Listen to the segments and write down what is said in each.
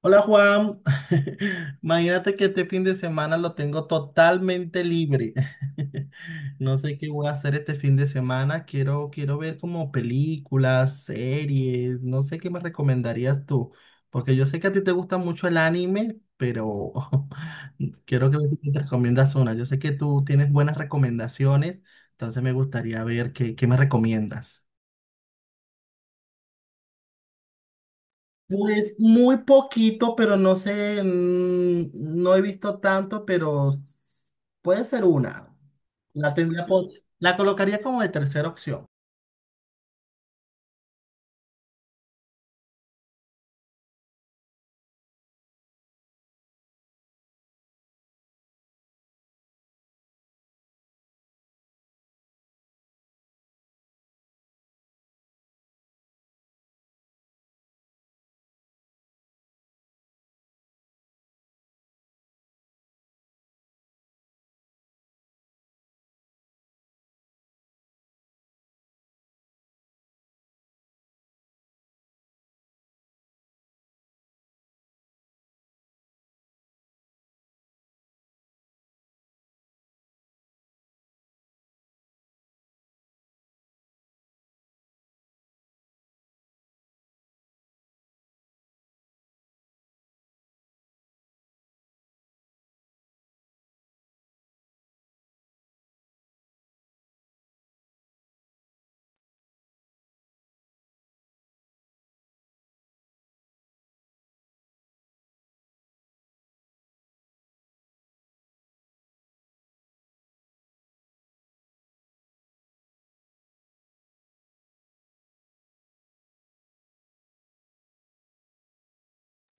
Hola Juan, imagínate que este fin de semana lo tengo totalmente libre. No sé qué voy a hacer este fin de semana. Quiero ver como películas, series. No sé qué me recomendarías tú, porque yo sé que a ti te gusta mucho el anime, pero quiero que me te recomiendas una. Yo sé que tú tienes buenas recomendaciones, entonces me gustaría ver qué me recomiendas. Pues muy poquito, pero no sé, no he visto tanto, pero puede ser una. La tendría, la colocaría como de tercera opción.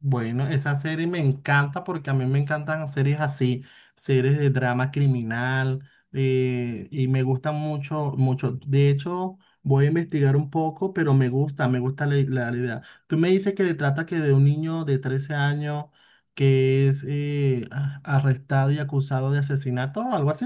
Bueno, esa serie me encanta porque a mí me encantan series así, series de drama criminal, y me gustan mucho, mucho. De hecho, voy a investigar un poco, pero me gusta la idea. Tú me dices que le trata que de un niño de 13 años que es arrestado y acusado de asesinato o algo así.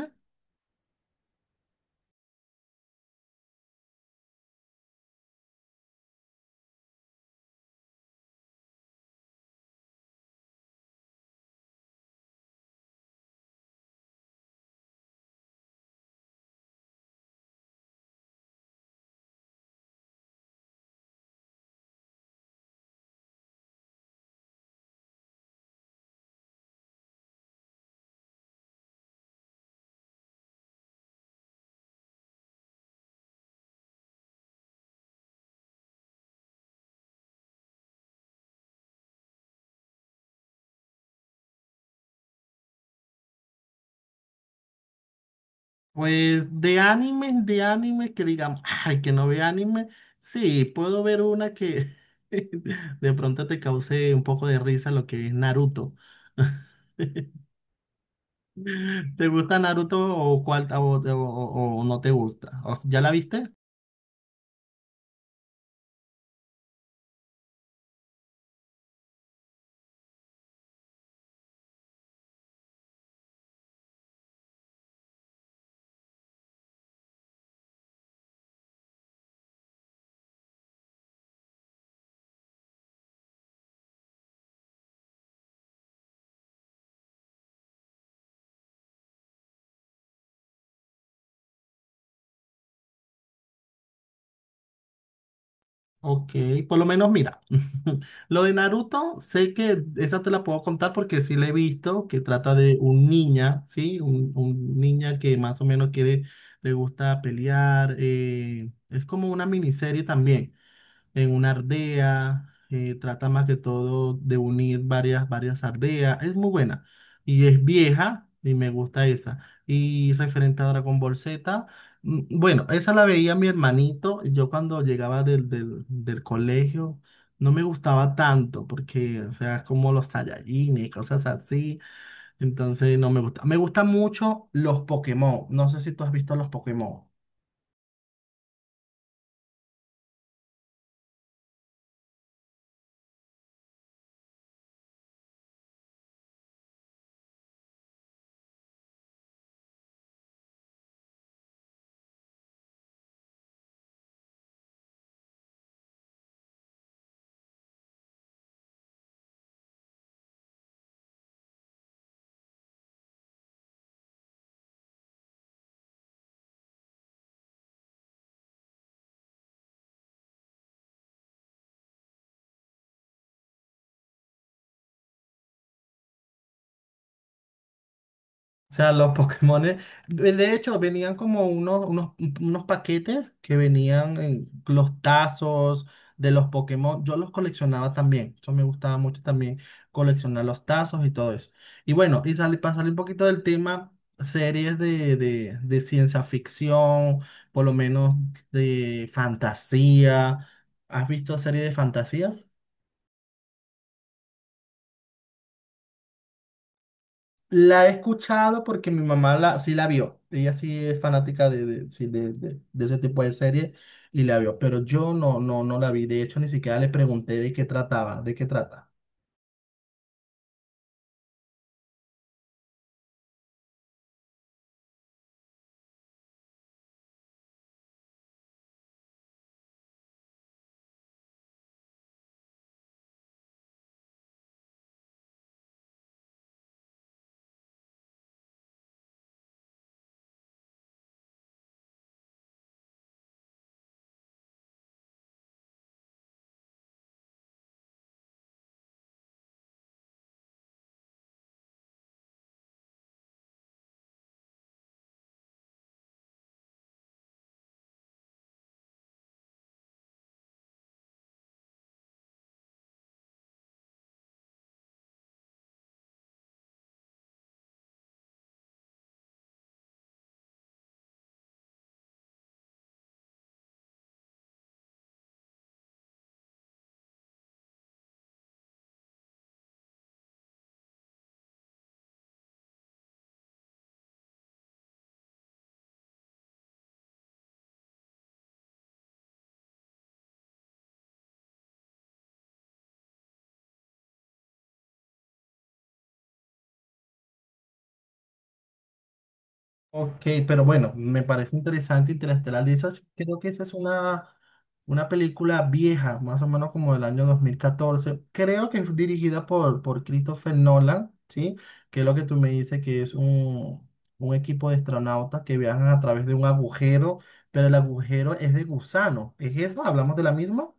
Pues de anime, que digamos, ay, que no ve anime. Sí, puedo ver una que de pronto te cause un poco de risa lo que es Naruto. ¿Te gusta Naruto o cuál o no te gusta? ¿Ya la viste? Ok, por lo menos mira, lo de Naruto, sé que esa te la puedo contar porque sí la he visto, que trata de un niña, ¿sí? Un niña que más o menos quiere, le gusta pelear, es como una miniserie también en una ardea, trata más que todo de unir varias ardeas, es muy buena y es vieja y me gusta esa. Y referente a Dragon Ball Z, bueno, esa la veía mi hermanito, y yo cuando llegaba del colegio. No me gustaba tanto porque, o sea, es como los Saiyajines, cosas así. Entonces, no me gusta. Me gustan mucho los Pokémon. No sé si tú has visto los Pokémon. O sea, los Pokémones, de hecho, venían como unos paquetes que venían en los tazos de los Pokémon. Yo los coleccionaba también. Eso me gustaba mucho también, coleccionar los tazos y todo eso. Y bueno, y sale, para salir un poquito del tema, series de ciencia ficción, por lo menos de fantasía. ¿Has visto series de fantasías? La he escuchado porque mi mamá sí la vio. Ella sí es fanática sí, de ese tipo de serie y la vio. Pero yo no, no, no la vi. De hecho, ni siquiera le pregunté de qué trataba, de qué trata. Ok, pero bueno, me parece interesante Interestelar. De hecho, creo que esa es una película vieja, más o menos como del año 2014. Creo que fue dirigida por Christopher Nolan, ¿sí? Que es lo que tú me dices, que es un equipo de astronautas que viajan a través de un agujero, pero el agujero es de gusano. ¿Es esa? ¿Hablamos de la misma?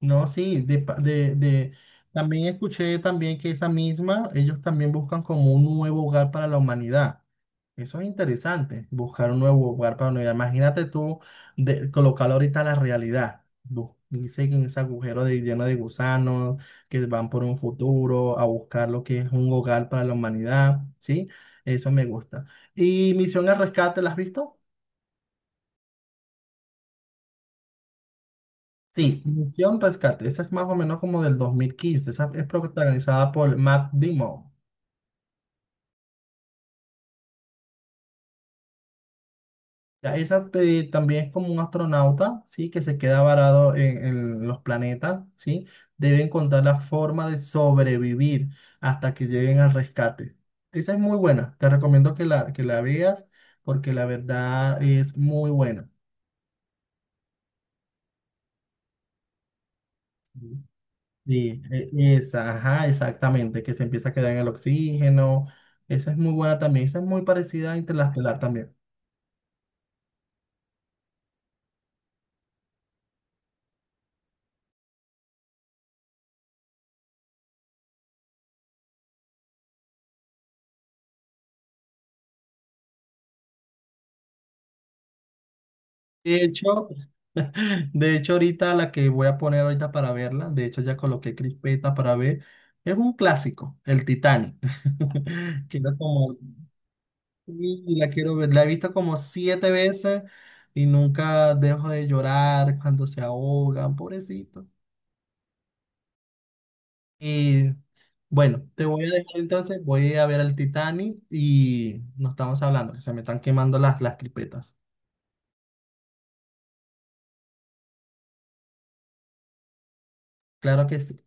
No, sí, de, pa- de- también escuché también que esa misma, ellos también buscan como un nuevo hogar para la humanidad. Eso es interesante, buscar un nuevo lugar para unidad. Imagínate tú colocarlo ahorita a la realidad. Dice que en ese agujero lleno de gusanos que van por un futuro a buscar lo que es un hogar para la humanidad, ¿sí? Eso me gusta. ¿Y Misión al Rescate, la has visto? Sí, Misión Rescate, esa es más o menos como del 2015, esa es protagonizada por Matt Damon. Ya, esa también es como un astronauta, ¿sí? Que se queda varado en los planetas, ¿sí? Debe encontrar la forma de sobrevivir hasta que lleguen al rescate. Esa es muy buena. Te recomiendo que que la veas porque la verdad es muy buena. Sí, esa, ajá, exactamente. Que se empieza a quedar en el oxígeno. Esa es muy buena también. Esa es muy parecida a Interestelar también. De hecho, De hecho, ahorita la que voy a poner ahorita para verla, de hecho ya coloqué crispeta para ver, es un clásico, el Titanic. Quiero como, y la quiero ver, la he visto como siete veces y nunca dejo de llorar cuando se ahogan, pobrecito. Y bueno, te voy a dejar entonces, voy a ver el Titanic y nos estamos hablando, que se me están quemando las crispetas. Claro que sí.